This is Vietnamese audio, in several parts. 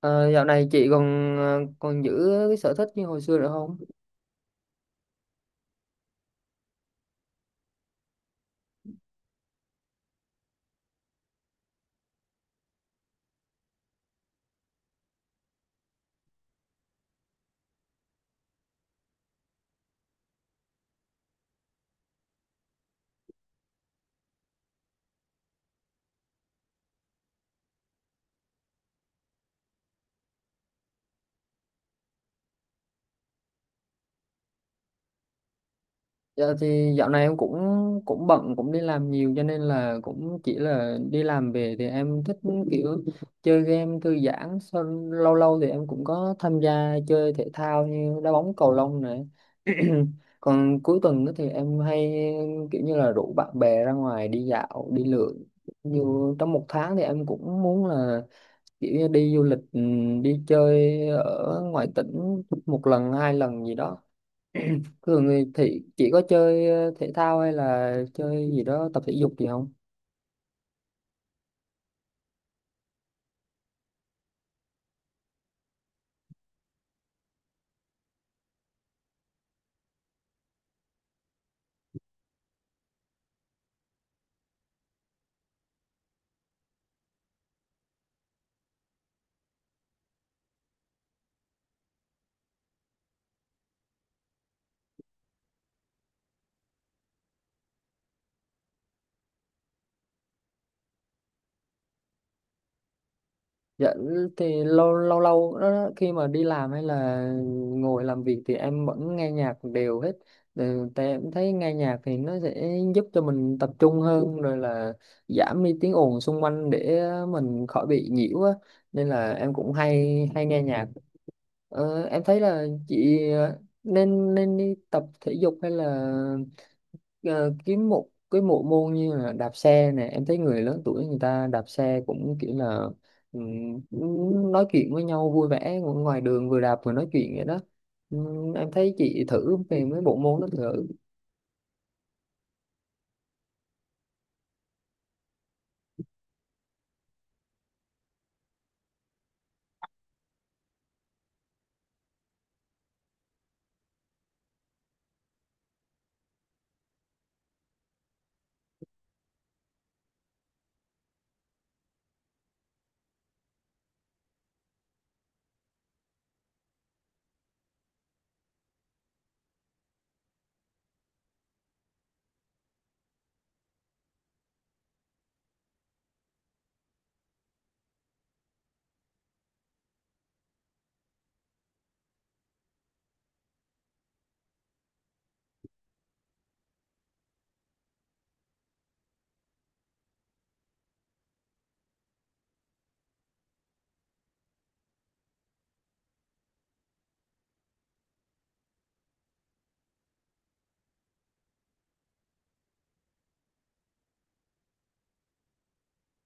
Ờ, dạo này chị còn còn giữ cái sở thích như hồi xưa nữa không? Dạ thì dạo này em cũng cũng bận cũng đi làm nhiều cho nên là cũng chỉ là đi làm về thì em thích kiểu chơi game thư giãn sau lâu lâu thì em cũng có tham gia chơi thể thao như đá bóng cầu lông này. Còn cuối tuần đó thì em hay kiểu như là rủ bạn bè ra ngoài đi dạo đi lượn, dù trong một tháng thì em cũng muốn là kiểu như đi du lịch, đi chơi ở ngoài tỉnh một lần hai lần gì đó. Thường thì chỉ có chơi thể thao hay là chơi gì đó tập thể dục gì không? Dạ thì lâu lâu lâu đó, khi mà đi làm hay là ngồi làm việc thì em vẫn nghe nhạc đều hết. Ừ, tại em thấy nghe nhạc thì nó sẽ giúp cho mình tập trung hơn, rồi là giảm đi tiếng ồn xung quanh để mình khỏi bị nhiễu á, nên là em cũng hay hay nghe nhạc. Ờ, em thấy là chị nên nên đi tập thể dục hay là ờ, kiếm một cái bộ môn như là đạp xe nè. Em thấy người lớn tuổi người ta đạp xe cũng kiểu là, cũng nói chuyện với nhau vui vẻ ngoài đường, vừa đạp vừa nói chuyện vậy đó. Em thấy chị thử về mấy bộ môn đó thử.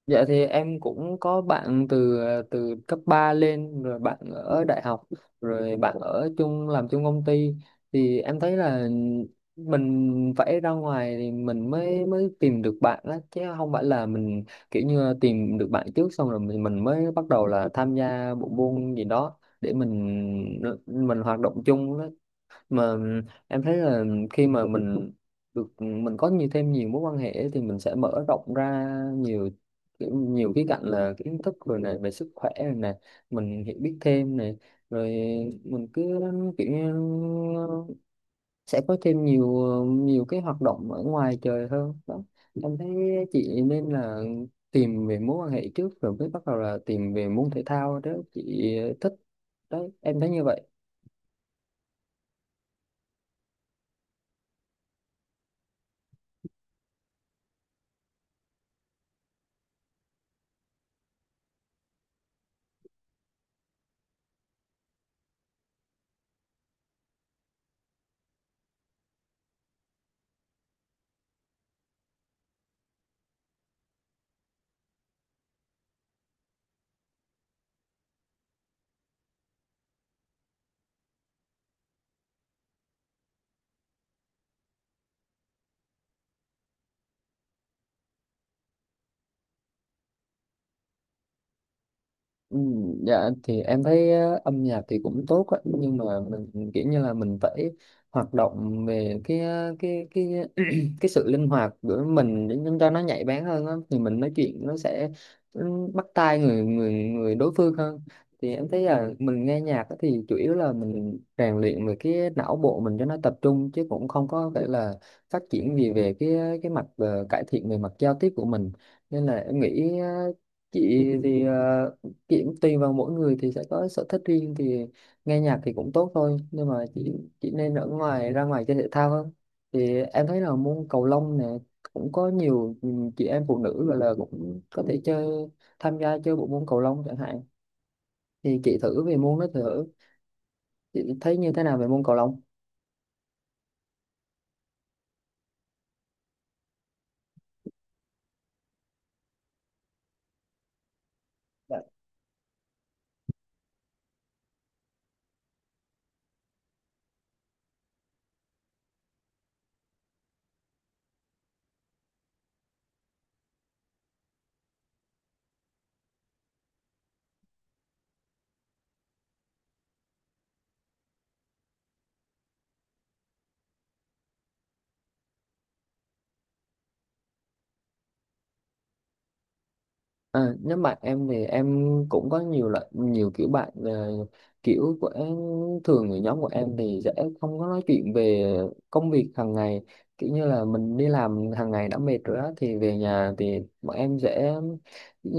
Dạ thì em cũng có bạn từ từ cấp 3 lên, rồi bạn ở đại học, rồi bạn ở chung làm chung công ty. Thì em thấy là mình phải ra ngoài thì mình mới mới tìm được bạn đó, chứ không phải là mình kiểu như tìm được bạn trước xong rồi mình mới bắt đầu là tham gia bộ môn gì đó để mình hoạt động chung. Mà em thấy là khi mà mình được mình có nhiều thêm nhiều mối quan hệ ấy, thì mình sẽ mở rộng ra nhiều nhiều khía cạnh là kiến thức rồi này, về sức khỏe rồi này, mình hiểu biết thêm này, rồi mình cứ kiểu như sẽ có thêm nhiều, nhiều cái hoạt động ở ngoài trời hơn đó. Em thấy chị nên là tìm về mối quan hệ trước rồi mới bắt đầu là tìm về môn thể thao đó chị thích. Đấy, em thấy như vậy. Ừ, dạ thì em thấy âm nhạc thì cũng tốt á, nhưng mà mình kiểu như là mình phải hoạt động về cái cái sự linh hoạt của mình để cho nó nhạy bén hơn á, thì mình nói chuyện nó sẽ, ừ, bắt tai người người người đối phương hơn. Thì em thấy là mình nghe nhạc á thì chủ yếu là mình rèn luyện về cái não bộ mình cho nó tập trung, chứ cũng không có phải là phát triển gì về cái mặt, cải thiện về mặt giao tiếp của mình. Nên là em nghĩ chị thì chị cũng tùy vào mỗi người thì sẽ có sở thích riêng. Thì nghe nhạc thì cũng tốt thôi, nhưng mà chị nên ở ngoài ra ngoài chơi thể thao hơn. Thì em thấy là môn cầu lông này cũng có nhiều, ừ, chị em phụ nữ gọi là cũng có thể chơi, tham gia chơi bộ môn cầu lông chẳng hạn. Thì chị thử về môn đó thử. Chị thấy như thế nào về môn cầu lông? À, nếu mà em thì em cũng có nhiều loại, nhiều kiểu bạn. Ờ, Kiểu của em, thường người nhóm của em thì sẽ không có nói chuyện về công việc hàng ngày. Kiểu như là mình đi làm hàng ngày đã mệt rồi á, thì về nhà thì bọn em sẽ, ừ,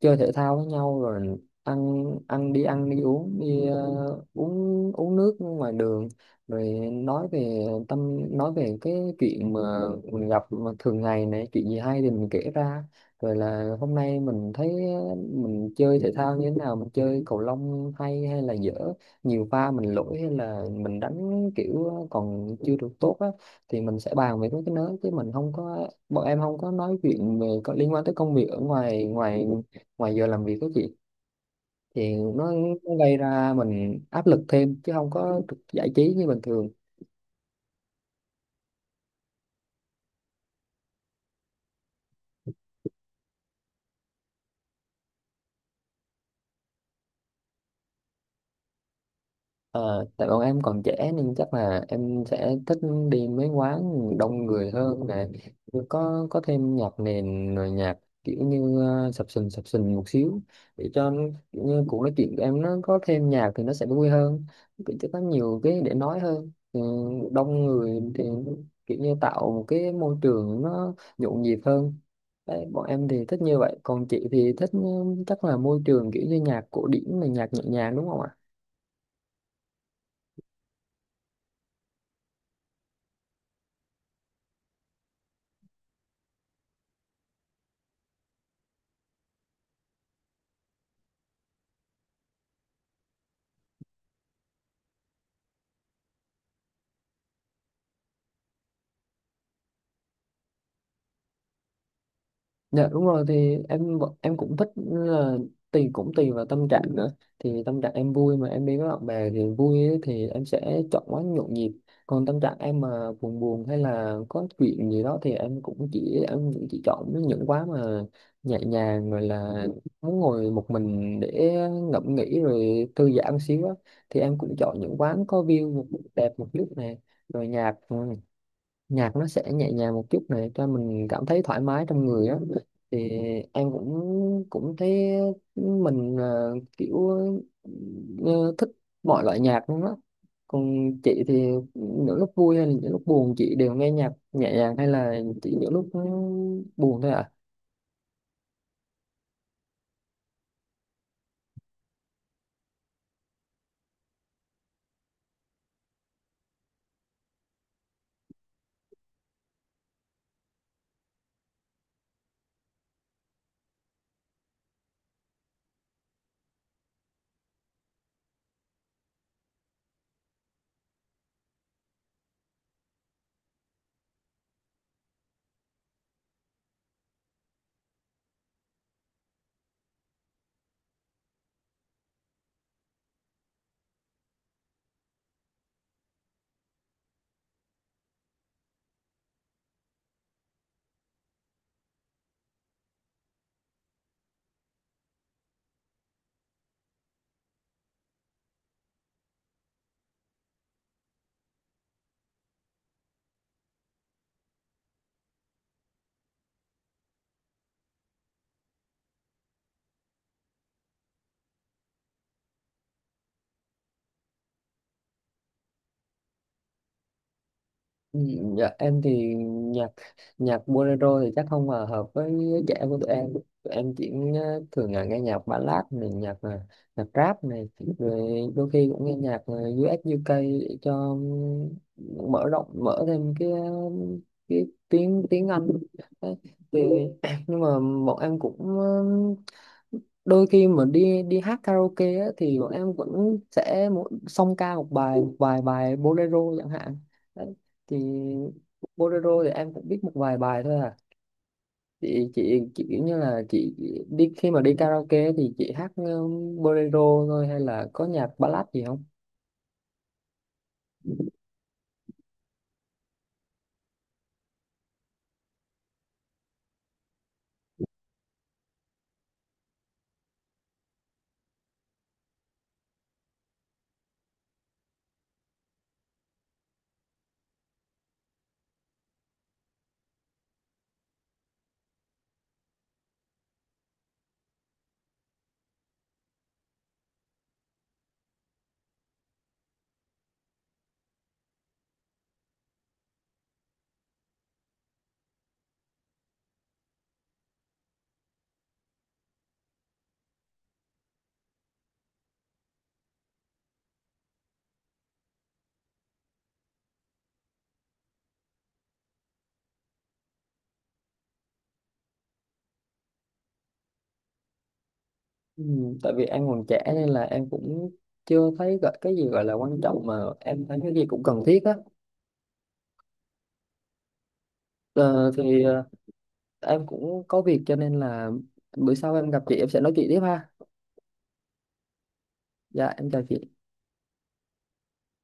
chơi thể thao với nhau, rồi ăn ăn đi uống, đi uống uống nước ngoài đường, rồi nói về tâm, nói về cái chuyện mà mình gặp mà thường ngày này, chuyện gì hay thì mình kể ra. Rồi là hôm nay mình thấy mình chơi thể thao như thế nào, mình chơi cầu lông hay hay là dở, nhiều pha mình lỗi hay là mình đánh kiểu còn chưa được tốt á. Thì mình sẽ bàn về mấy cái đó, chứ mình không có bọn em không có nói chuyện về có liên quan tới công việc ở ngoài ngoài ngoài giờ làm việc đó chị. Thì nó gây ra mình áp lực thêm chứ không có được giải trí như bình thường. Ờ, tại bọn em còn trẻ nên chắc là em sẽ thích đi mấy quán đông người hơn nè, có thêm nhạc nền rồi nhạc kiểu như sập sình một xíu, để cho kiểu như cuộc nói chuyện của em nó có thêm nhạc thì nó sẽ vui hơn, kiểu cho có nhiều cái để nói hơn. Ừ, đông người thì kiểu như tạo một cái môi trường nó nhộn nhịp hơn. Đấy, bọn em thì thích như vậy, còn chị thì thích, ừ, chắc là môi trường kiểu như nhạc cổ điển là nhạc nhẹ nhàng đúng không ạ? Dạ đúng rồi, thì em cũng thích là cũng tùy vào tâm trạng nữa. Thì tâm trạng em vui mà em đi với bạn bè thì vui ấy, thì em sẽ chọn quán nhộn nhịp. Còn tâm trạng em mà buồn buồn hay là có chuyện gì đó thì em cũng chỉ chọn những quán mà nhẹ nhàng, rồi là muốn ngồi một mình để ngẫm nghĩ rồi thư giãn xíu á. Thì em cũng chọn những quán có view đẹp một lúc này, rồi nhạc, nhạc nó sẽ nhẹ nhàng một chút này cho mình cảm thấy thoải mái trong người á. Thì em cũng cũng thấy mình ờ, thích mọi loại nhạc luôn á. Còn chị thì những lúc vui hay là những lúc buồn chị đều nghe nhạc nhẹ nhàng, hay là chỉ những lúc buồn thôi ạ? Ừ, dạ, em thì nhạc nhạc bolero thì chắc không hòa hợp với trẻ của tụi em. Tụi em chỉ, thường là nghe nhạc ballad này, nhạc nhạc rap này, rồi đôi khi cũng nghe nhạc US UK để cho, ừ, mở rộng mở thêm cái cái tiếng tiếng Anh. Đấy. Thì nhưng mà bọn em cũng đôi khi mà đi đi hát karaoke á, thì bọn em vẫn sẽ song ca một bài, một vài bài bolero chẳng hạn. Đấy. Thì bolero thì em cũng biết một vài bài thôi à. Chị kiểu như là chị khi mà đi karaoke thì chị hát bolero thôi, hay là có nhạc ballad gì không? Ừ, tại vì em còn trẻ nên là em cũng chưa thấy gọi- cái gì gọi là quan trọng mà em thấy cái gì cũng cần thiết á. Ờ, thì em cũng có việc cho nên là bữa sau em gặp chị em sẽ nói chuyện tiếp ha. Dạ em chào chị.